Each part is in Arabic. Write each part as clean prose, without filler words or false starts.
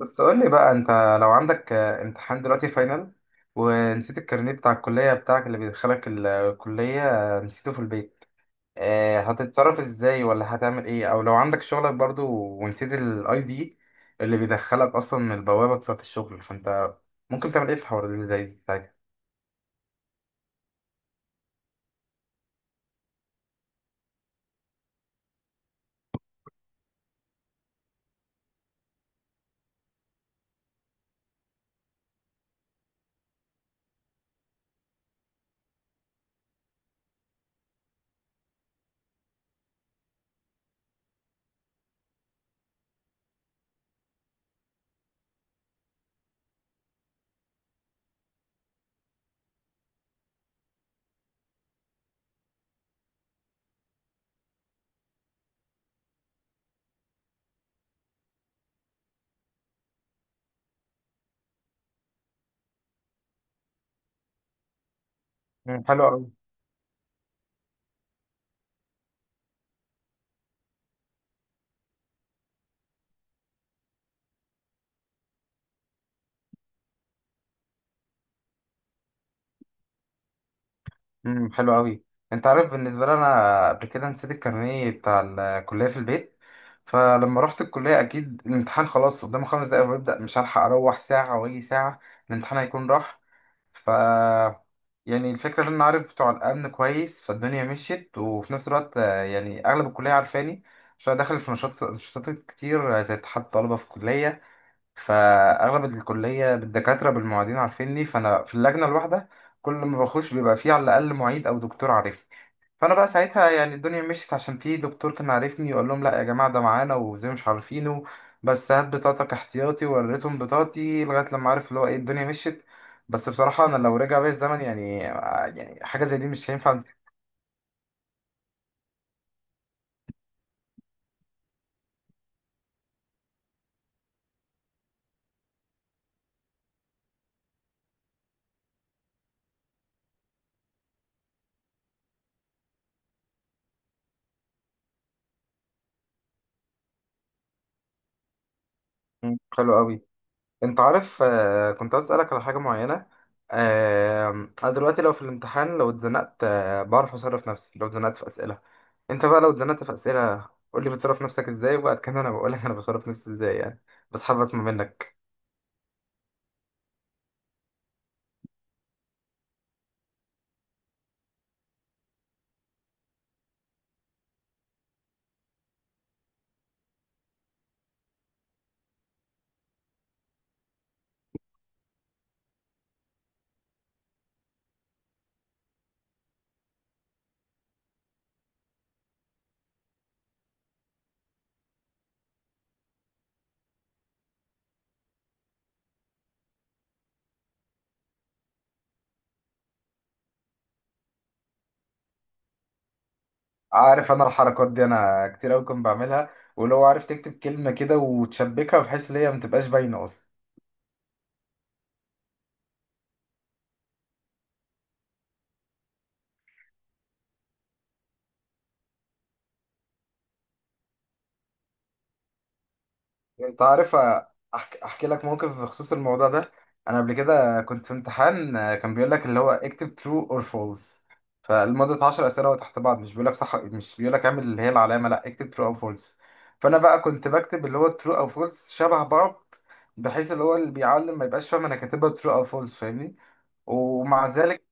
بس قول لي بقى انت لو عندك امتحان دلوقتي فاينل ونسيت الكارنيه بتاع الكلية بتاعك اللي بيدخلك الكلية. نسيته في البيت. هتتصرف ازاي ولا هتعمل ايه او لو عندك شغلك برضو ونسيت الاي دي اللي بيدخلك اصلا من البوابة بتاعة الشغل، فانت ممكن تعمل ايه في الحوار اللي زي ده ساعتها؟ مم، حلو قوي. امم، حلو قوي. انت عارف بالنسبه لي انا قبل كده نسيت الكارنيه بتاع الكليه في البيت، فلما رحت الكليه اكيد الامتحان خلاص قدامه خمس دقايق ويبدا، مش هلحق اروح ساعه واجي ساعه، الامتحان هيكون راح. ف، يعني الفكره ان انا عارف بتوع الامن كويس فالدنيا مشيت، وفي نفس الوقت يعني اغلب الكليه عارفاني عشان أنا داخل في نشاط نشاطات كتير، زي اتحاد الطلبه في الكليه. فاغلب الكليه بالدكاتره بالمعيدين عارفيني، فانا في اللجنه الواحده كل ما بخش بيبقى فيه على الاقل معيد او دكتور عارفني. فانا بقى ساعتها يعني الدنيا مشيت عشان في دكتور كان عارفني يقول لهم لا يا جماعه ده معانا وزي مش عارفينه، بس هات بطاقتك احتياطي، ووريتهم بطاقتي لغايه لما عارف اللي هو ايه الدنيا مشيت. بس بصراحه انا لو رجع بيا الزمن يعني يعني حاجه زي دي مش هينفع. مم. حلو قوي. انت عارف، كنت عايز اسالك على حاجه معينه. آه، انا دلوقتي لو في الامتحان لو اتزنقت، بعرف اصرف نفسي لو اتزنقت في اسئله. انت بقى لو اتزنقت في اسئله قول لي بتصرف نفسك ازاي، وبعد كده انا بقول لك انا بصرف نفسي ازاي يعني، بس حابب اسمع منك. عارف انا الحركات دي انا كتير قوي كنت بعملها، ولو عارف تكتب كلمه كده وتشبكها بحيث ان هي ما تبقاش باينه اصلا. انت عارف احكي لك موقف بخصوص الموضوع ده. انا قبل كده كنت في امتحان، كان بيقول لك اللي هو اكتب true or false فلمدة 10 اسئله تحت بعض، مش بيقول لك صح مش بيقول لك اعمل اللي هي العلامه، لا اكتب true او false. فانا بقى كنت بكتب اللي هو true او false شبه بعض بحيث اللي هو اللي بيعلم ما يبقاش فاهم انا كاتبها true او false، فاهمني؟ ومع ذلك،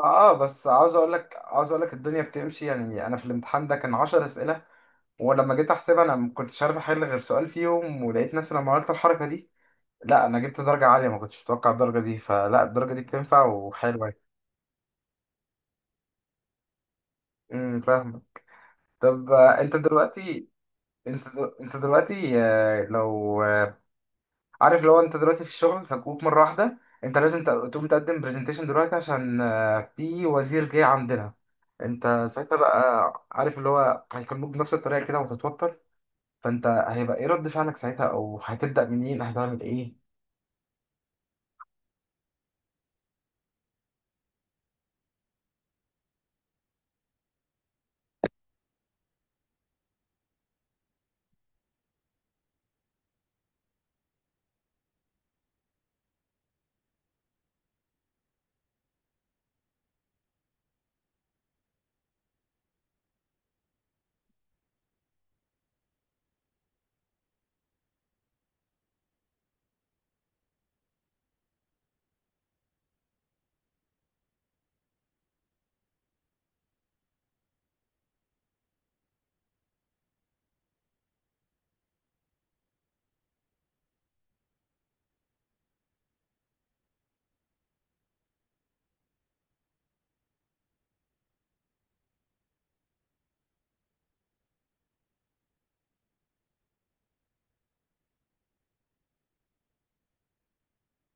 اه بس عاوز اقول لك الدنيا بتمشي يعني. انا في الامتحان ده كان 10 اسئله ولما جيت احسبها انا ما كنتش عارف احل غير سؤال فيهم، ولقيت نفسي لما عملت الحركه دي، لا انا جبت درجه عاليه، ما كنتش متوقع الدرجه دي، فلا الدرجه دي بتنفع وحلوه يعني. امم، فاهم. طب انت دلوقتي، انت دلوقتي لو عارف لو انت دلوقتي في الشغل فجوك مره واحده، انت لازم تقوم تقدم برزنتيشن دلوقتي عشان في وزير جاي عندنا. انت ساعتها بقى عارف اللي هو هيكلموك بنفس الطريقه كده وتتوتر، فانت هيبقى ايه رد فعلك ساعتها او هتبدا منين هتعمل ايه؟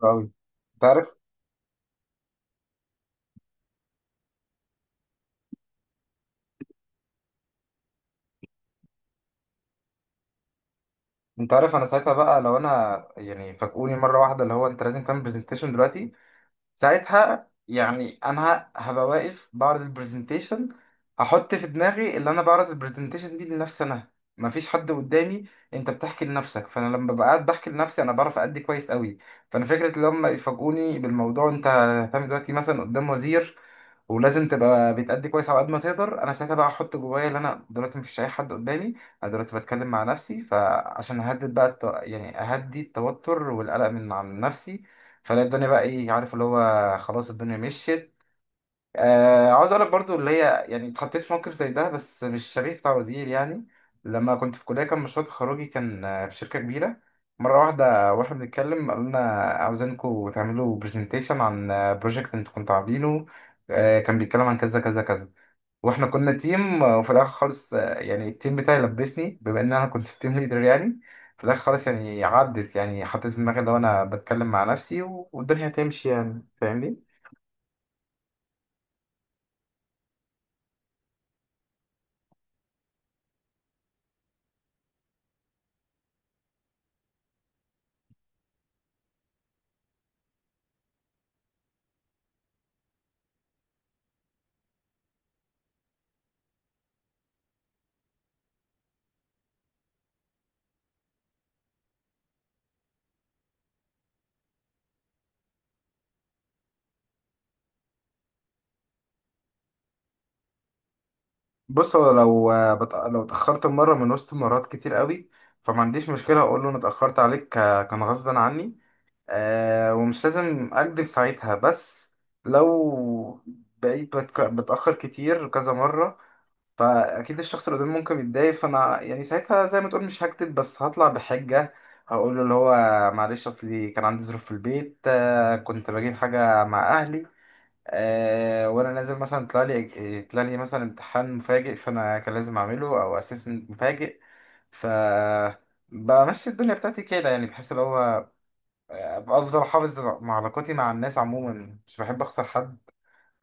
قوي. انت عارف انت عارف انا ساعتها بقى لو انا يعني فاجئوني مره واحده اللي هو انت لازم تعمل برزنتيشن دلوقتي، ساعتها يعني انا هبقى واقف بعرض البرزنتيشن، احط في دماغي اللي انا بعرض البرزنتيشن دي لنفسي انا، مفيش حد قدامي. انت بتحكي لنفسك، فانا لما ببقى قاعد بحكي لنفسي انا بعرف ادي كويس قوي. فانا فكره اللي هم يفاجئوني بالموضوع انت هتعمل دلوقتي مثلا قدام وزير ولازم تبقى بتأدي كويس على قد ما تقدر، انا ساعتها بقى احط جوايا ان انا دلوقتي مفيش اي حد قدامي، انا دلوقتي بتكلم مع نفسي، فعشان اهدد بقى يعني اهدي التوتر والقلق من عن نفسي، فلا الدنيا بقى ايه، عارف اللي هو خلاص الدنيا مشيت. آه، عاوز اقول لك برضو اللي هي يعني اتحطيت في موقف زي ده بس مش شبيه بتاع وزير يعني. لما كنت في كليه كان مشروع تخرجي كان في شركه كبيره، مره واحده واحنا بنتكلم قال لنا عاوزينكم تعملوا برزنتيشن عن بروجكت انتوا كنتوا عاملينه. آه كان بيتكلم عن كذا كذا كذا، واحنا كنا تيم، وفي الاخر خالص يعني التيم بتاعي لبسني بما ان انا كنت التيم ليدر يعني. في الاخر خالص يعني عدت يعني، حطيت في دماغي لو انا بتكلم مع نفسي والدنيا هتمشي يعني، فاهمني؟ بص هو لو لو اتأخرت مرة من وسط مرات كتير قوي، فما عنديش مشكلة أقول له أنا اتأخرت عليك كان غصبا عني. آه ومش لازم أكدب ساعتها، بس لو بقيت بتأخر كتير كذا مرة فأكيد الشخص اللي قدامي ممكن يتضايق، فأنا يعني ساعتها زي ما تقول مش هكدب بس هطلع بحجة. هقول له اللي هو معلش أصلي كان عندي ظروف في البيت، آه كنت بجيب حاجة مع أهلي، آه وانا نازل مثلا طلع لي مثلا امتحان مفاجئ فانا كان لازم اعمله او اسسمنت مفاجئ. ف بمشي الدنيا بتاعتي كده يعني، بحس اللي هو أبقى افضل احافظ مع علاقاتي مع الناس عموما، مش بحب اخسر حد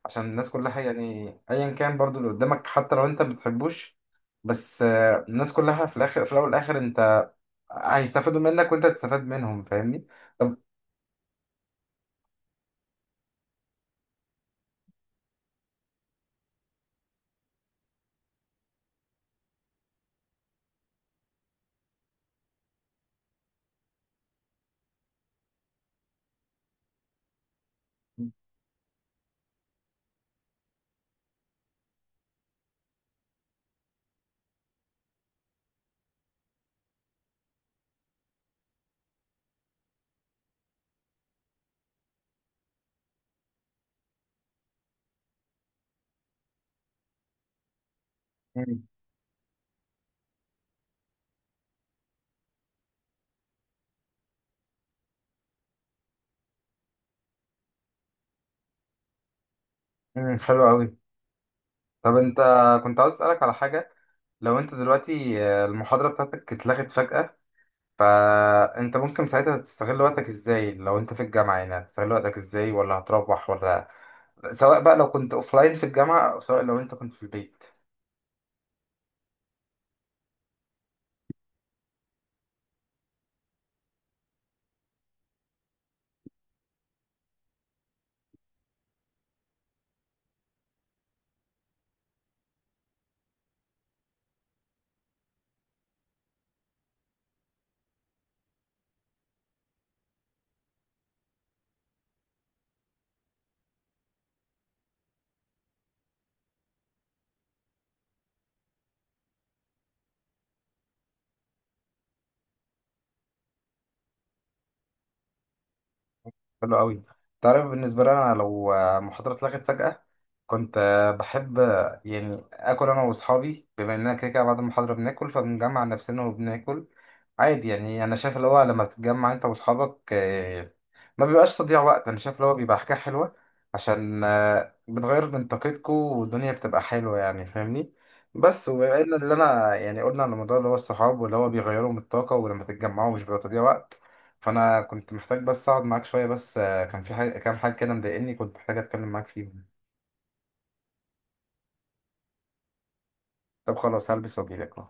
عشان الناس كلها يعني، ايا كان برضو اللي قدامك حتى لو انت ما بتحبوش. بس الناس كلها في الاخر في الاول والاخر انت هيستفادوا منك وانت تستفاد منهم، فاهمني؟ طب. مم، مم، حلو قوي. طب انت كنت عاوز اسالك على حاجه، لو انت دلوقتي المحاضرة بتاعتك اتلغت فجأة، فانت ممكن ساعتها تستغل وقتك ازاي؟ لو انت في الجامعة يعني هتستغل وقتك ازاي ولا هتروح؟ ولا سواء بقى لو كنت اوفلاين في الجامعة او سواء لو انت كنت في البيت. حلو قوي. تعرف بالنسبة لي انا لو محاضرة اتلغت فجأة كنت بحب يعني اكل انا واصحابي، بما اننا كده كده بعد المحاضرة بناكل، فبنجمع نفسنا وبناكل عادي يعني. انا شايف اللي هو لما تتجمع انت واصحابك ما بيبقاش تضييع وقت، انا شايف اللي هو بيبقى حاجه حلوه عشان بتغير من طاقتكم والدنيا بتبقى حلوه يعني، فاهمني؟ بس وبما ان اللي انا يعني قلنا على الموضوع اللي هو الصحاب واللي هو بيغيروا من الطاقه ولما تتجمعوا مش بيبقى تضييع وقت، فانا كنت محتاج بس اقعد معاك شويه، بس كان في حاجه كام حاجه كده مضايقني كنت محتاج اتكلم معاك فيهم. طب خلاص، هلبس واجيلك أهو.